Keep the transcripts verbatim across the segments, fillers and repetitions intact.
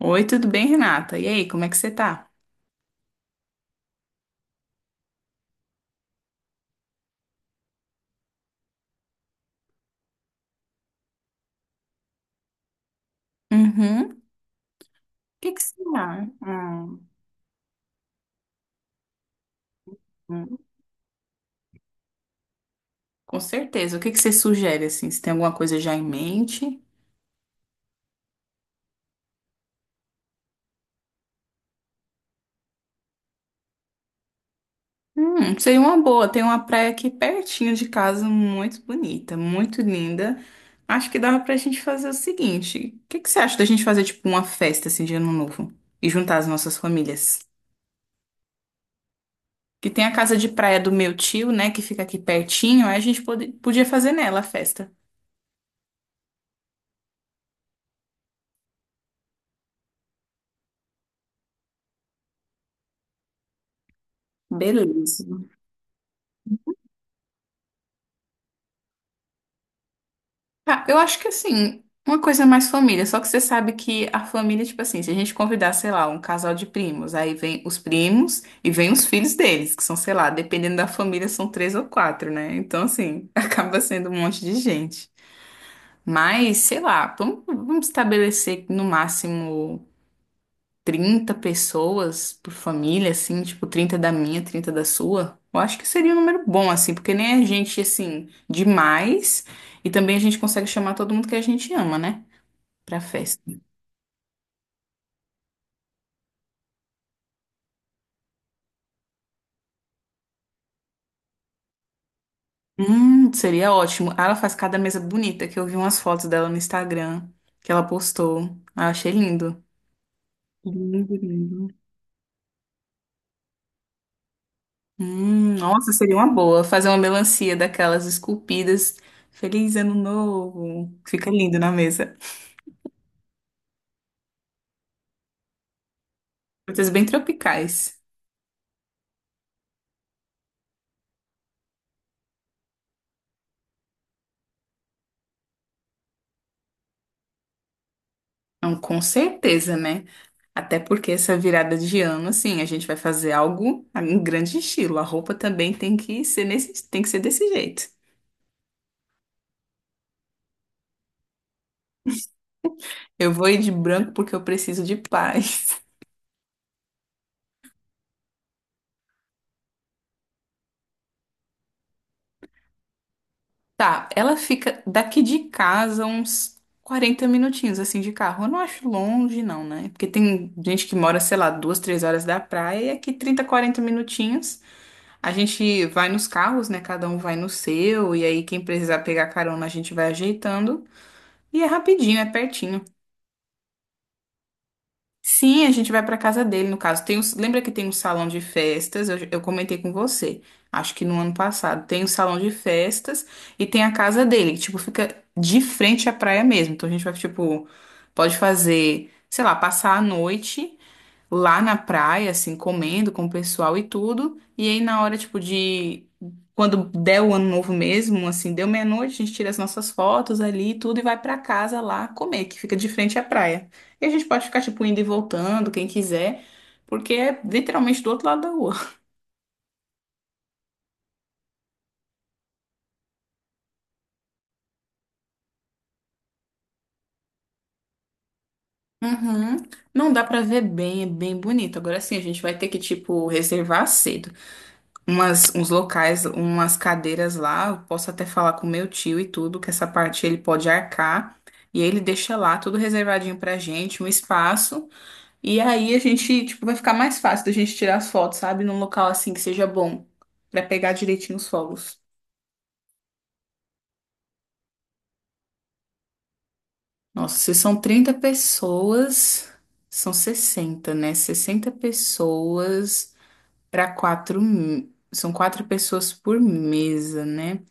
Oi, tudo bem, Renata? E aí, como é que você tá? Uhum. O que que você tá? Ah, hum, hum. Com certeza. O que que você sugere, assim? Você tem alguma coisa já em mente? Hum, seria uma boa. Tem uma praia aqui pertinho de casa, muito bonita, muito linda. Acho que dava pra gente fazer o seguinte. O que que você acha da gente fazer, tipo, uma festa, assim, de Ano Novo? E juntar as nossas famílias? Que tem a casa de praia do meu tio, né, que fica aqui pertinho. Aí a gente pode- podia fazer nela a festa. Beleza. Ah, eu acho que assim, uma coisa é mais família, só que você sabe que a família, tipo assim, se a gente convidar, sei lá, um casal de primos, aí vem os primos e vem os filhos deles, que são, sei lá, dependendo da família, são três ou quatro, né? Então, assim, acaba sendo um monte de gente. Mas, sei lá, vamos, vamos estabelecer no máximo trinta pessoas por família, assim, tipo, trinta da minha, trinta da sua, eu acho que seria um número bom, assim, porque nem a gente, assim, demais, e também a gente consegue chamar todo mundo que a gente ama, né, pra festa. Hum, seria ótimo. Ah, ela faz cada mesa bonita, que eu vi umas fotos dela no Instagram, que ela postou. Ah, eu achei lindo. Lindo, lindo. Hum, nossa, seria uma boa fazer uma melancia daquelas esculpidas. Feliz ano novo. Fica lindo na mesa. Frutas bem tropicais. Não, com certeza, né? Até porque essa virada de ano, assim, a gente vai fazer algo em grande estilo. A roupa também tem que ser nesse, tem que ser desse jeito. Eu vou ir de branco porque eu preciso de paz. Tá, ela fica daqui de casa uns quarenta minutinhos, assim, de carro. Eu não acho longe, não, né? Porque tem gente que mora, sei lá, duas, três horas da praia e aqui trinta quarenta minutinhos. A gente vai nos carros, né? Cada um vai no seu, e aí quem precisar pegar carona, a gente vai ajeitando. E é rapidinho, é pertinho. Sim, a gente vai pra casa dele, no caso. Tem um- lembra que tem um salão de festas? Eu, eu comentei com você, acho que no ano passado. Tem um salão de festas e tem a casa dele, que, tipo, fica de frente à praia mesmo. Então a gente vai, tipo, pode fazer, sei lá, passar a noite lá na praia, assim, comendo com o pessoal e tudo. E aí, na hora, tipo, de. Quando der o ano novo mesmo, assim, deu meia-noite, a gente tira as nossas fotos ali e tudo e vai pra casa lá comer, que fica de frente à praia. E a gente pode ficar, tipo, indo e voltando, quem quiser, porque é literalmente do outro lado da rua. Uhum. Não dá pra ver bem, é bem bonito. Agora sim, a gente vai ter que, tipo, reservar cedo. umas, uns locais, umas cadeiras lá. Eu posso até falar com meu tio e tudo, que essa parte ele pode arcar. E aí ele deixa lá tudo reservadinho pra gente, um espaço. E aí a gente, tipo, vai ficar mais fácil da gente tirar as fotos, sabe? Num local assim que seja bom, pra pegar direitinho os fogos. Nossa, se são trinta pessoas, são sessenta, né? Sessenta pessoas para quatro são quatro pessoas por mesa, né?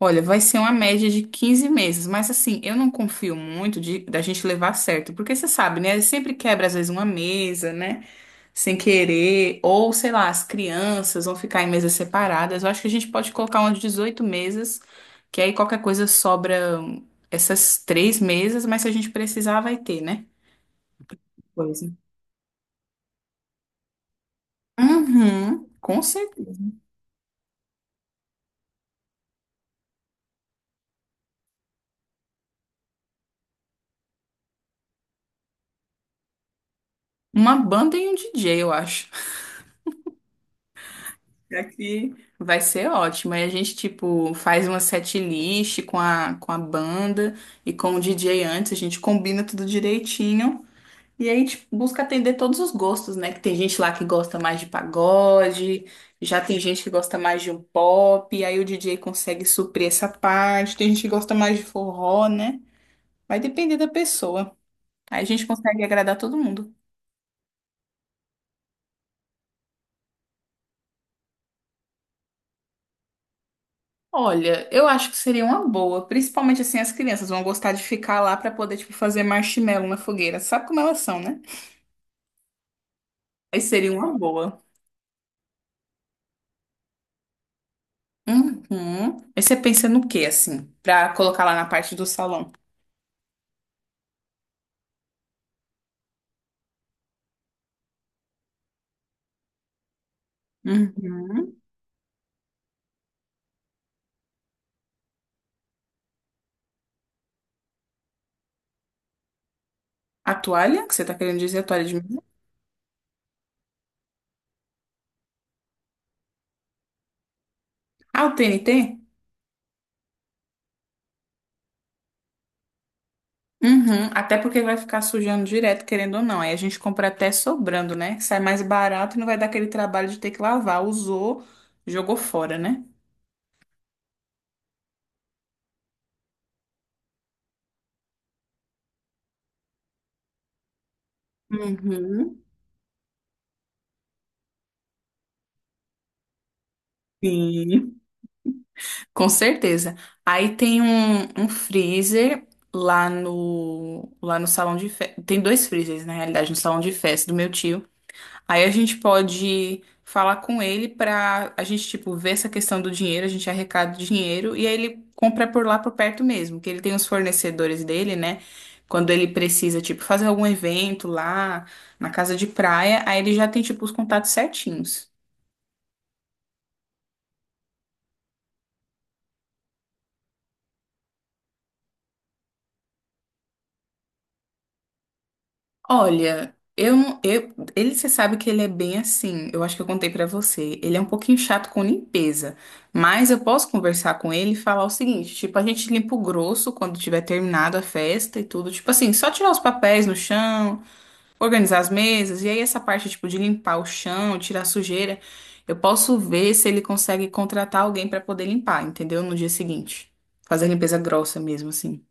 Olha, vai ser uma média de quinze meses, mas assim, eu não confio muito de, da gente levar certo, porque você sabe, né? Sempre quebra às vezes uma mesa, né? Sem querer, ou sei lá, as crianças vão ficar em mesas separadas. Eu acho que a gente pode colocar umas dezoito mesas, que aí qualquer coisa sobra essas três mesas, mas se a gente precisar, vai ter, né? Coisa. Uhum, com certeza. Uma banda e um D J, eu acho. Aqui vai ser ótimo. Aí a gente, tipo, faz uma setlist com a, com a banda e com o D J antes, a gente combina tudo direitinho. E aí a gente busca atender todos os gostos, né? Que tem gente lá que gosta mais de pagode, já tem gente que gosta mais de um pop, e aí o D J consegue suprir essa parte, tem gente que gosta mais de forró, né? Vai depender da pessoa. Aí a gente consegue agradar todo mundo. Olha, eu acho que seria uma boa, principalmente assim as crianças vão gostar de ficar lá para poder tipo fazer marshmallow na fogueira. Sabe como elas são, né? Aí seria uma boa. Uhum. Aí você pensa no quê assim, pra colocar lá na parte do salão? Uhum. A toalha, que você tá querendo dizer a toalha de mesa? Ah, o T N T? Uhum. Até porque vai ficar sujando direto, querendo ou não. Aí a gente compra até sobrando, né? Sai mais barato e não vai dar aquele trabalho de ter que lavar. Usou, jogou fora, né? Uhum. Sim. Com certeza. Aí tem um, um freezer lá no, lá no salão de festa. Tem dois freezers, na realidade, no salão de festa do meu tio. Aí a gente pode falar com ele pra a gente, tipo, ver essa questão do dinheiro, a gente arrecada o dinheiro e aí ele compra por lá por perto mesmo, que ele tem os fornecedores dele, né? Quando ele precisa, tipo, fazer algum evento lá na casa de praia, aí ele já tem, tipo, os contatos certinhos. Olha, eu, não- eu ele você sabe que ele é bem assim. Eu acho que eu contei pra você. Ele é um pouquinho chato com limpeza, mas eu posso conversar com ele e falar o seguinte, tipo, a gente limpa o grosso quando tiver terminado a festa e tudo, tipo assim, só tirar os papéis no chão, organizar as mesas e aí essa parte tipo de limpar o chão, tirar a sujeira, eu posso ver se ele consegue contratar alguém pra poder limpar, entendeu? No dia seguinte. Fazer a limpeza grossa mesmo assim.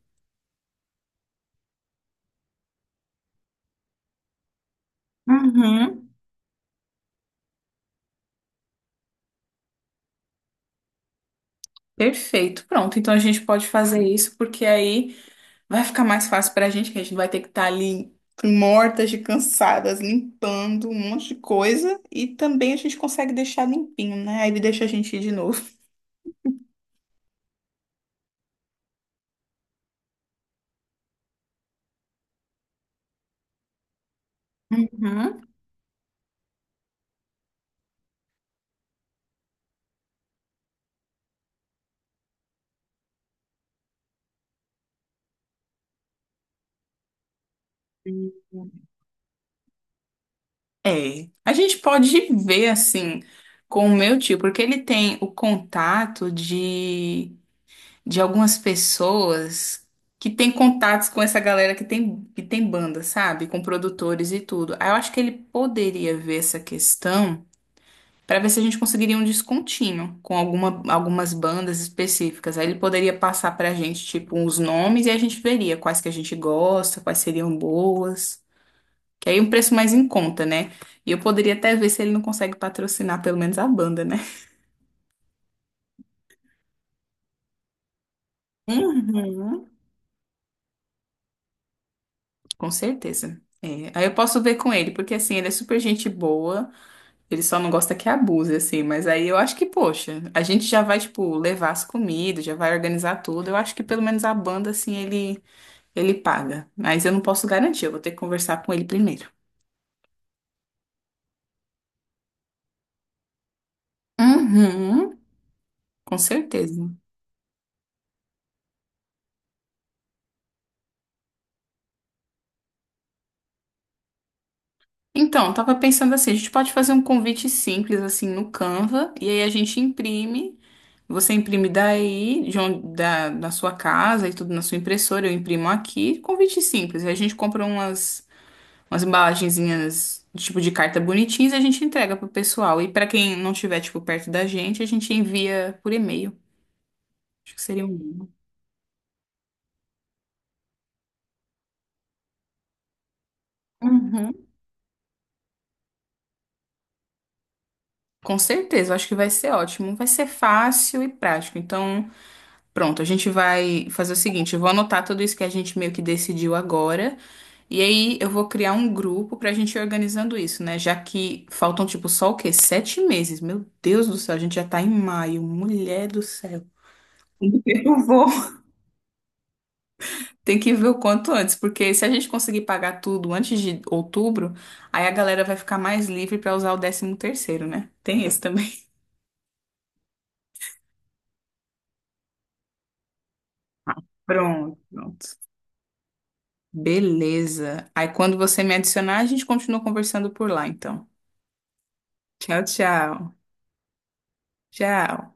Uhum. Perfeito, pronto. Então a gente pode fazer isso, porque aí vai ficar mais fácil pra gente, que a gente não vai ter que estar ali mortas de cansadas, limpando um monte de coisa. E também a gente consegue deixar limpinho, né? Aí ele deixa a gente ir de novo. Uhum. É. A gente pode ver assim com o meu tio, porque ele tem o contato de. de algumas pessoas que têm contatos com essa galera que tem, que tem, banda, sabe? Com produtores e tudo. Aí eu acho que ele poderia ver essa questão para ver se a gente conseguiria um descontinho com alguma, algumas bandas específicas. Aí ele poderia passar pra gente, tipo, uns nomes e a gente veria quais que a gente gosta, quais seriam boas. Que aí é um preço mais em conta, né? E eu poderia até ver se ele não consegue patrocinar pelo menos a banda, né? Uhum. Com certeza. É, aí eu posso ver com ele, porque assim, ele é super gente boa, ele só não gosta que abuse, assim, mas aí eu acho que, poxa, a gente já vai, tipo, levar as comidas, já vai organizar tudo. Eu acho que pelo menos a banda, assim, ele, ele paga. Mas eu não posso garantir, eu vou ter que conversar com ele primeiro. Uhum, com certeza. Então, tava pensando assim, a gente pode fazer um convite simples assim no Canva e aí a gente imprime. Você imprime daí, de onde, da, da sua casa e tudo na sua impressora, eu imprimo aqui. Convite simples. Aí a gente compra umas umas embalagenzinhas de tipo de carta bonitinhas e a gente entrega pro pessoal. E pra quem não tiver tipo perto da gente, a gente envia por e-mail. Acho que seria um bom. Uhum. Com certeza, eu acho que vai ser ótimo. Vai ser fácil e prático. Então, pronto, a gente vai fazer o seguinte, eu vou anotar tudo isso que a gente meio que decidiu agora, e aí eu vou criar um grupo pra gente ir organizando isso, né? Já que faltam, tipo, só o quê? Sete meses. Meu Deus do céu, a gente já tá em maio. Mulher do céu. Eu vou ter que ver o quanto antes, porque se a gente conseguir pagar tudo antes de outubro, aí a galera vai ficar mais livre pra usar o décimo terceiro, né? Tem esse também. Pronto, pronto. Beleza. Aí quando você me adicionar, a gente continua conversando por lá, então. Tchau, tchau. Tchau.